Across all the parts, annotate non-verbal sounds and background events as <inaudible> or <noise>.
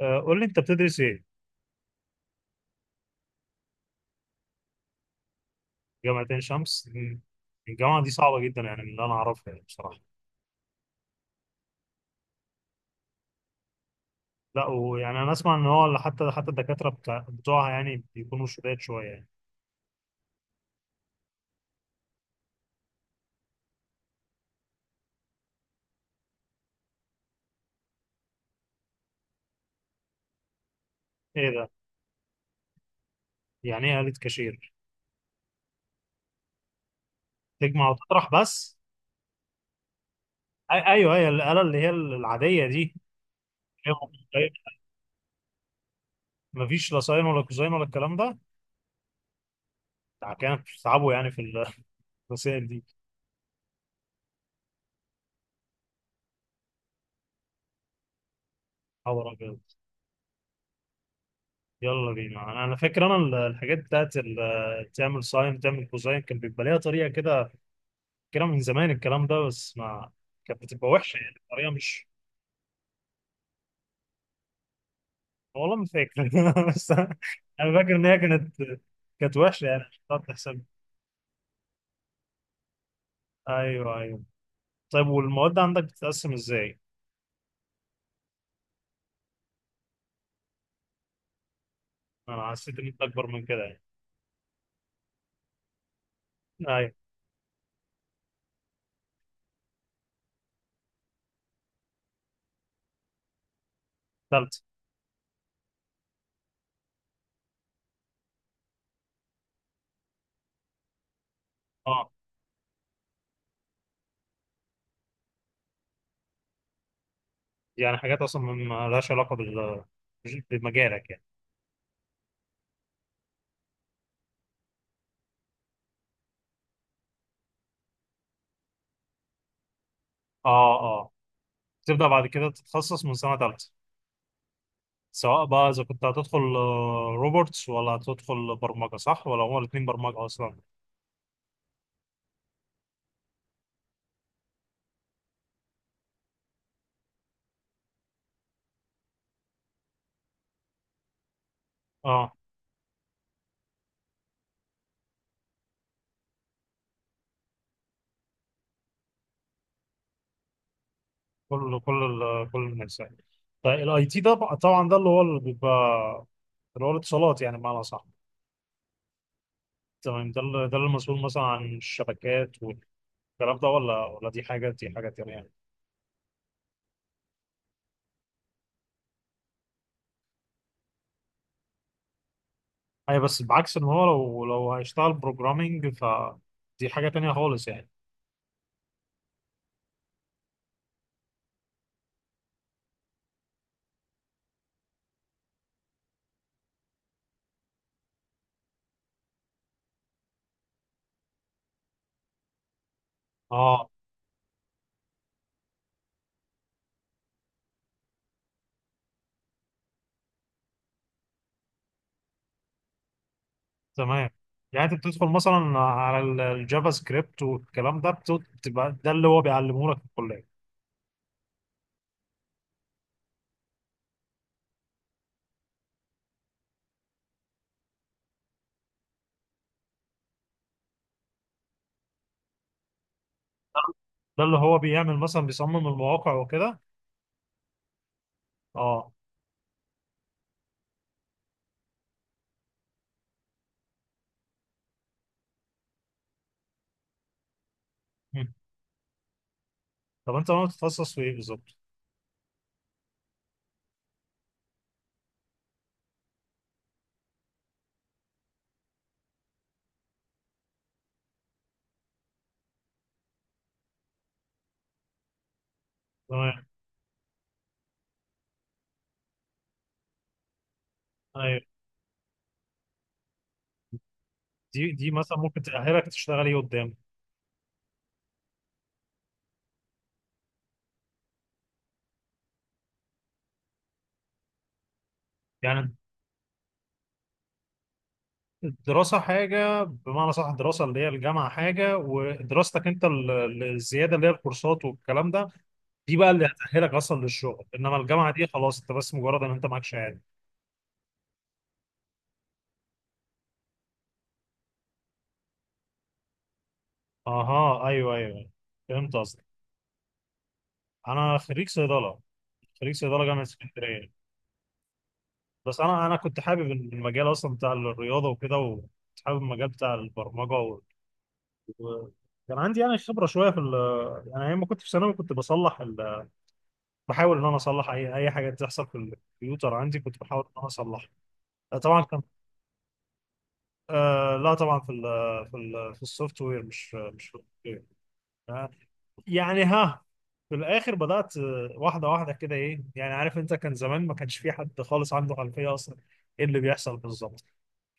قول لي انت بتدرس ايه؟ جامعة عين شمس مم. الجامعة دي صعبة جدا يعني من اللي انا اعرفها يعني بصراحة. لا، ويعني انا اسمع ان هو حتى الدكاترة بتاع بتوعها يعني بيكونوا شداد شوية يعني. ايه ده؟ يعني ايه آلة كاشير؟ تجمع وتطرح بس؟ أي ايوه، هي الآلة اللي هي العادية دي. ما فيش لا ساين ولا كوزاين ولا الكلام ده. ده كانوا بيتعبوا يعني في <laughs> الرسائل دي. خبر ابيض. يلا بينا، أنا فاكر انا الحاجات تعمل ساين تعمل كوزاين كان بيبقى ليها طريقة كده. كلام من زمان الكلام ده، بس ما كانت بتبقى وحشه يعني بطريقه مش. والله ما فاكر <laughs> بس أنا فاكر ان هي كانت، كانت وحشه يعني مش هتقعد تحسب. ايوه ايوه. طيب، والمواد عندك بتتقسم ازاي؟ انا حسيت ان انت اكبر من كده يعني. ايوه. ثالثه. اه يعني حاجات اصلا ما لهاش علاقه بمجالك يعني. اه اه. تبدا بعد كده تتخصص من سنه ثالثه. سواء بقى اذا كنت هتدخل روبوتس ولا هتدخل برمجه، صح؟ ولا هما الاثنين برمجه اصلا؟ اه. كل الناس يعني. طيب، الاي تي ده بقى، طبعا ده اللي هو اللي بيبقى اللي هو الاتصالات، يعني بمعنى صح. تمام، ده اللي المسؤول مثلا عن الشبكات والكلام ده، ولا دي حاجه، دي حاجه تانيه يعني. اي، بس بعكس ان هو لو هيشتغل بروجرامنج فدي حاجه تانيه خالص يعني. اه تمام. يعني انت بتدخل مثلا على الجافا سكريبت والكلام ده، بتبقى ده اللي هو بيعلمه لك في الكليه. ده اللي هو بيعمل مثلا بيصمم المواقع وكده. اه. طب انت ناوي تتخصص في ايه بالظبط؟ تمام. ايوه، دي مثلا ممكن تأهلك تشتغل ايه قدام. يعني الدراسة حاجة، بمعنى صح الدراسة اللي هي الجامعة حاجة، ودراستك انت الزيادة اللي هي الكورسات والكلام ده دي بقى اللي هتأهلك اصلا للشغل. انما الجامعة دي خلاص، انت بس مجرد ان انت معاك شهادة. اها ايوه ايوه، فهمت قصدك. انا خريج صيدلة. خريج صيدله جامعه اسكندريه. بس انا كنت حابب المجال اصلا بتاع الرياضه وكده، وكنت حابب المجال بتاع البرمجه. كان عندي يعني خبره شويه في ال. يعني ايام ما كنت في ثانوي كنت بصلح بحاول ان انا اصلح اي حاجه تحصل في الكمبيوتر عندي، كنت بحاول ان انا اصلحها. طبعا كان، آه لا طبعا في ال، في ال، في السوفت وير، مش في ال. آه، يعني ها في الاخر بدات واحده واحده كده، ايه يعني عارف انت كان زمان ما كانش في حد خالص عنده خلفيه اصلا ايه اللي بيحصل بالظبط.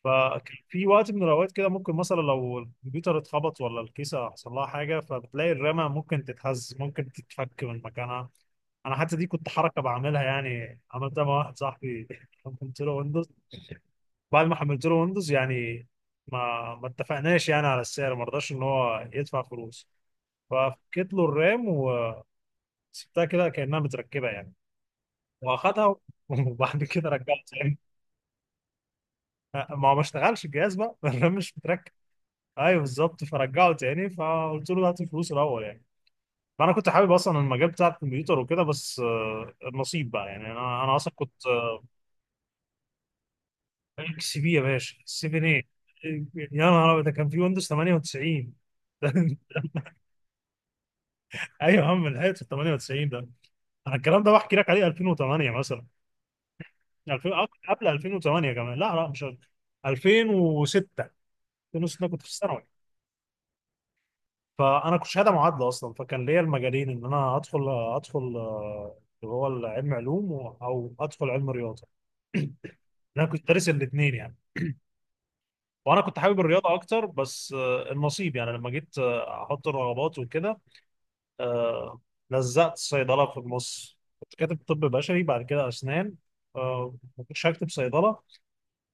فكان في وقت من الاوقات كده ممكن مثلا لو الكمبيوتر اتخبط ولا الكيسه حصل لها حاجه، فبتلاقي الرامه ممكن تتهز، ممكن تتفك من مكانها. انا حتى دي كنت حركه بعملها، يعني عملتها مع واحد صاحبي <laughs> حملت له ويندوز. بعد ما حملت له ويندوز، يعني ما اتفقناش يعني على السعر، ما رضاش ان هو يدفع فلوس، ففكيت له الرام وسبتها كده كانها متركبه يعني، واخدها <laughs> وبعد كده رجعت تاني. ما هو ما اشتغلش الجهاز بقى <laughs> الرام مش متركب. ايوه بالظبط. فرجعه تاني، فقلت له هات الفلوس الاول يعني. فانا كنت حابب اصلا المجال بتاع الكمبيوتر وكده، بس النصيب بقى يعني، انا اصلا كنت. اكس بي يا باشا، 7 ايه؟ يا نهار ابيض، ده كان في ويندوز 98 <laughs> ايوه يا عم، لحقت في 98 ده. انا الكلام ده بحكي لك عليه 2008 مثلا، 2000، قبل 2008 كمان. لا لا، مش قبل. 2006. 2006 كنت في الثانوي. فانا كنت شهاده معادله اصلا، فكان ليا المجالين ان انا ادخل، ادخل اللي هو العلم علوم، او ادخل علم رياضه. انا كنت دارس الاثنين يعني، وانا كنت حابب الرياضه اكتر، بس النصيب يعني. لما جيت احط الرغبات وكده، آه، لزقت صيدله في النص. كنت كاتب طب بشري، بعد كده اسنان. ما كنتش هكتب صيدله،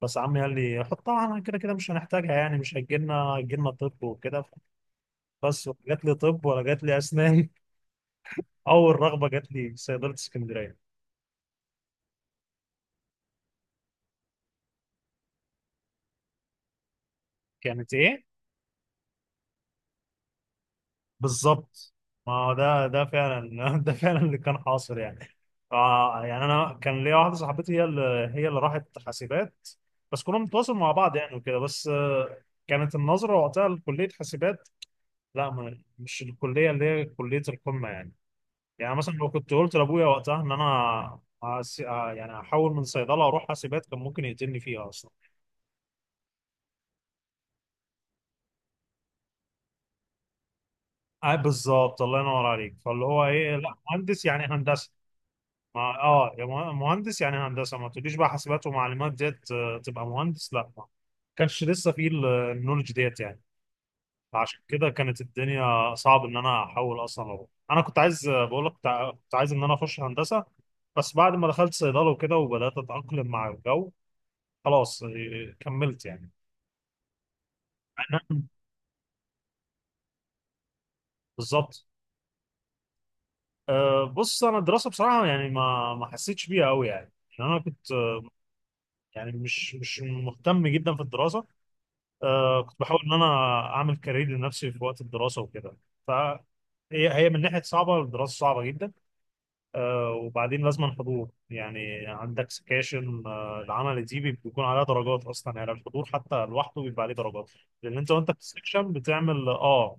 بس عمي قال لي حطها، انا كده كده مش هنحتاجها يعني، مش هيجي لنا، هيجي لنا طب وكده. بس جات لي طب ولا جات لي اسنان. اول رغبه جات لي صيدله اسكندريه. كانت ايه؟ بالظبط. ما هو ده، ده فعلا <laughs> ده فعلا اللي كان حاصل يعني. آه يعني انا كان ليا واحده صاحبتي، هي اللي، هي اللي راحت حاسبات. بس كنا بنتواصل مع بعض يعني وكده، بس آه كانت النظره وقتها لكليه حاسبات، لا مش الكليه اللي هي كليه القمه يعني. يعني مثلا لو كنت قلت لابويا وقتها ان انا يعني هحول من صيدله اروح حاسبات كان ممكن يقتلني فيها. بالظبط، الله ينور عليك، فاللي هو ايه، لا مهندس يعني هندسه. ما اه، يا مهندس يعني هندسه، ما تقوليش بقى حاسبات ومعلومات ديت تبقى مهندس، لا ما كانش لسه فيه النولج ديت يعني. فعشان كده كانت الدنيا صعب ان انا احول اصلا أروح. انا كنت عايز، بقول لك كنت كنت عايز ان انا اخش هندسه. بس بعد ما دخلت صيدله وكده وبدات اتاقلم مع الجو، خلاص كملت يعني <laughs> أنا، بالظبط. بص انا الدراسه بصراحه يعني ما حسيتش بيها قوي يعني. يعني انا كنت، يعني مش مهتم جدا في الدراسه. آه كنت بحاول ان انا اعمل كارير لنفسي في وقت الدراسه وكده. ف هي، هي من ناحيه صعبه، الدراسه صعبه جدا. آه، وبعدين لازم حضور يعني، عندك سكاشن. آه، العمل دي بيكون عليها درجات اصلا يعني، الحضور حتى لوحده بيبقى عليه درجات، لان انت وانت في السكشن بتعمل. اه،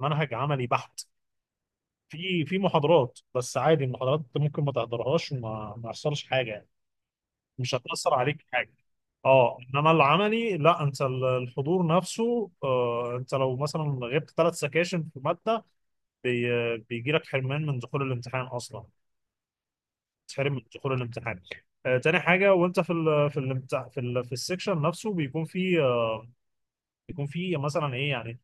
المنهج عملي بحت. في محاضرات بس عادي، المحاضرات انت ممكن ما تحضرهاش وما ما يحصلش حاجه يعني، مش هتاثر عليك في حاجه. اه. انما العملي لا، انت الحضور نفسه، آه انت لو مثلا غبت ثلاث سكاشن في ماده، بي بيجي لك حرمان من دخول الامتحان اصلا، تحرم من دخول الامتحان. آه، تاني حاجه وانت في ال، في الامتحان في ال، في السكشن نفسه بيكون في، يكون في مثلا ايه يعني،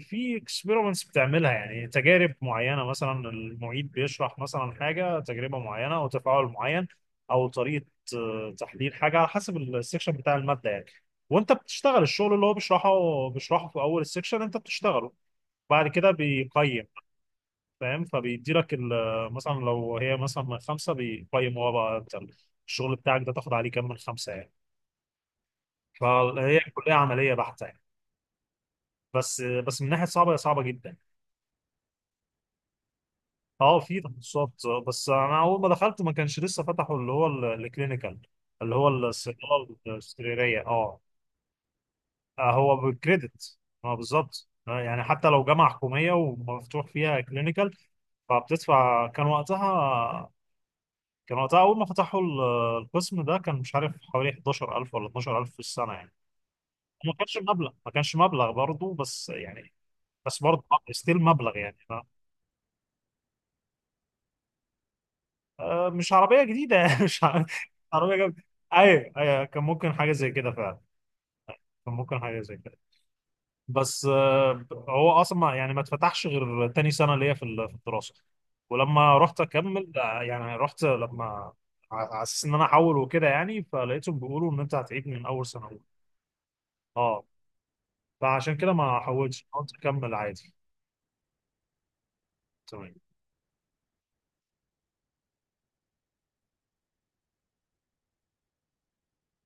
في اكسبيرمنتس بتعملها يعني، تجارب معينه، مثلا المعيد بيشرح مثلا حاجه، تجربه معينه او تفاعل معين او طريقه تحليل حاجه، على حسب السكشن بتاع الماده يعني. وانت بتشتغل الشغل اللي هو بيشرحه، بيشرحه في اول السكشن انت بتشتغله، بعد كده بيقيم. فاهم، فبيدي لك مثلا لو هي مثلا من خمسه بيقيم هو بقى انت الشغل بتاعك ده تاخد عليه كام من خمسه يعني. فهي كليه عمليه بحته يعني. بس من ناحيه صعبه، هي صعبه جدا. اه في تخصصات، بس انا اول ما دخلت ما كانش لسه فتحوا اللي هو الكلينيكال اللي هو الصيدله السريريه. اه، هو بالكريدت. اه بالظبط. يعني حتى لو جامعه حكوميه ومفتوح فيها كلينيكال، فبتدفع. كان وقتها، كان وقتها اول ما فتحوا القسم ده، كان مش عارف حوالي 11,000 ولا 12,000 في السنه يعني. ما كانش مبلغ برضه، بس يعني بس برضه ستيل مبلغ يعني. مش عربية جديدة <laughs> مش عربية جديدة. ايوه ايوه كان ممكن حاجة زي كده فعلا، كان ممكن حاجة زي كده. بس هو اصلا يعني ما اتفتحش غير تاني سنة ليا في في الدراسة. ولما رحت اكمل يعني رحت لما على اساس ان انا احول وكده يعني، فلقيتهم بيقولوا ان انت هتعيد من اول سنة اولى. اه. فعشان كده ما حولتش، قلت اكمل عادي. تمام.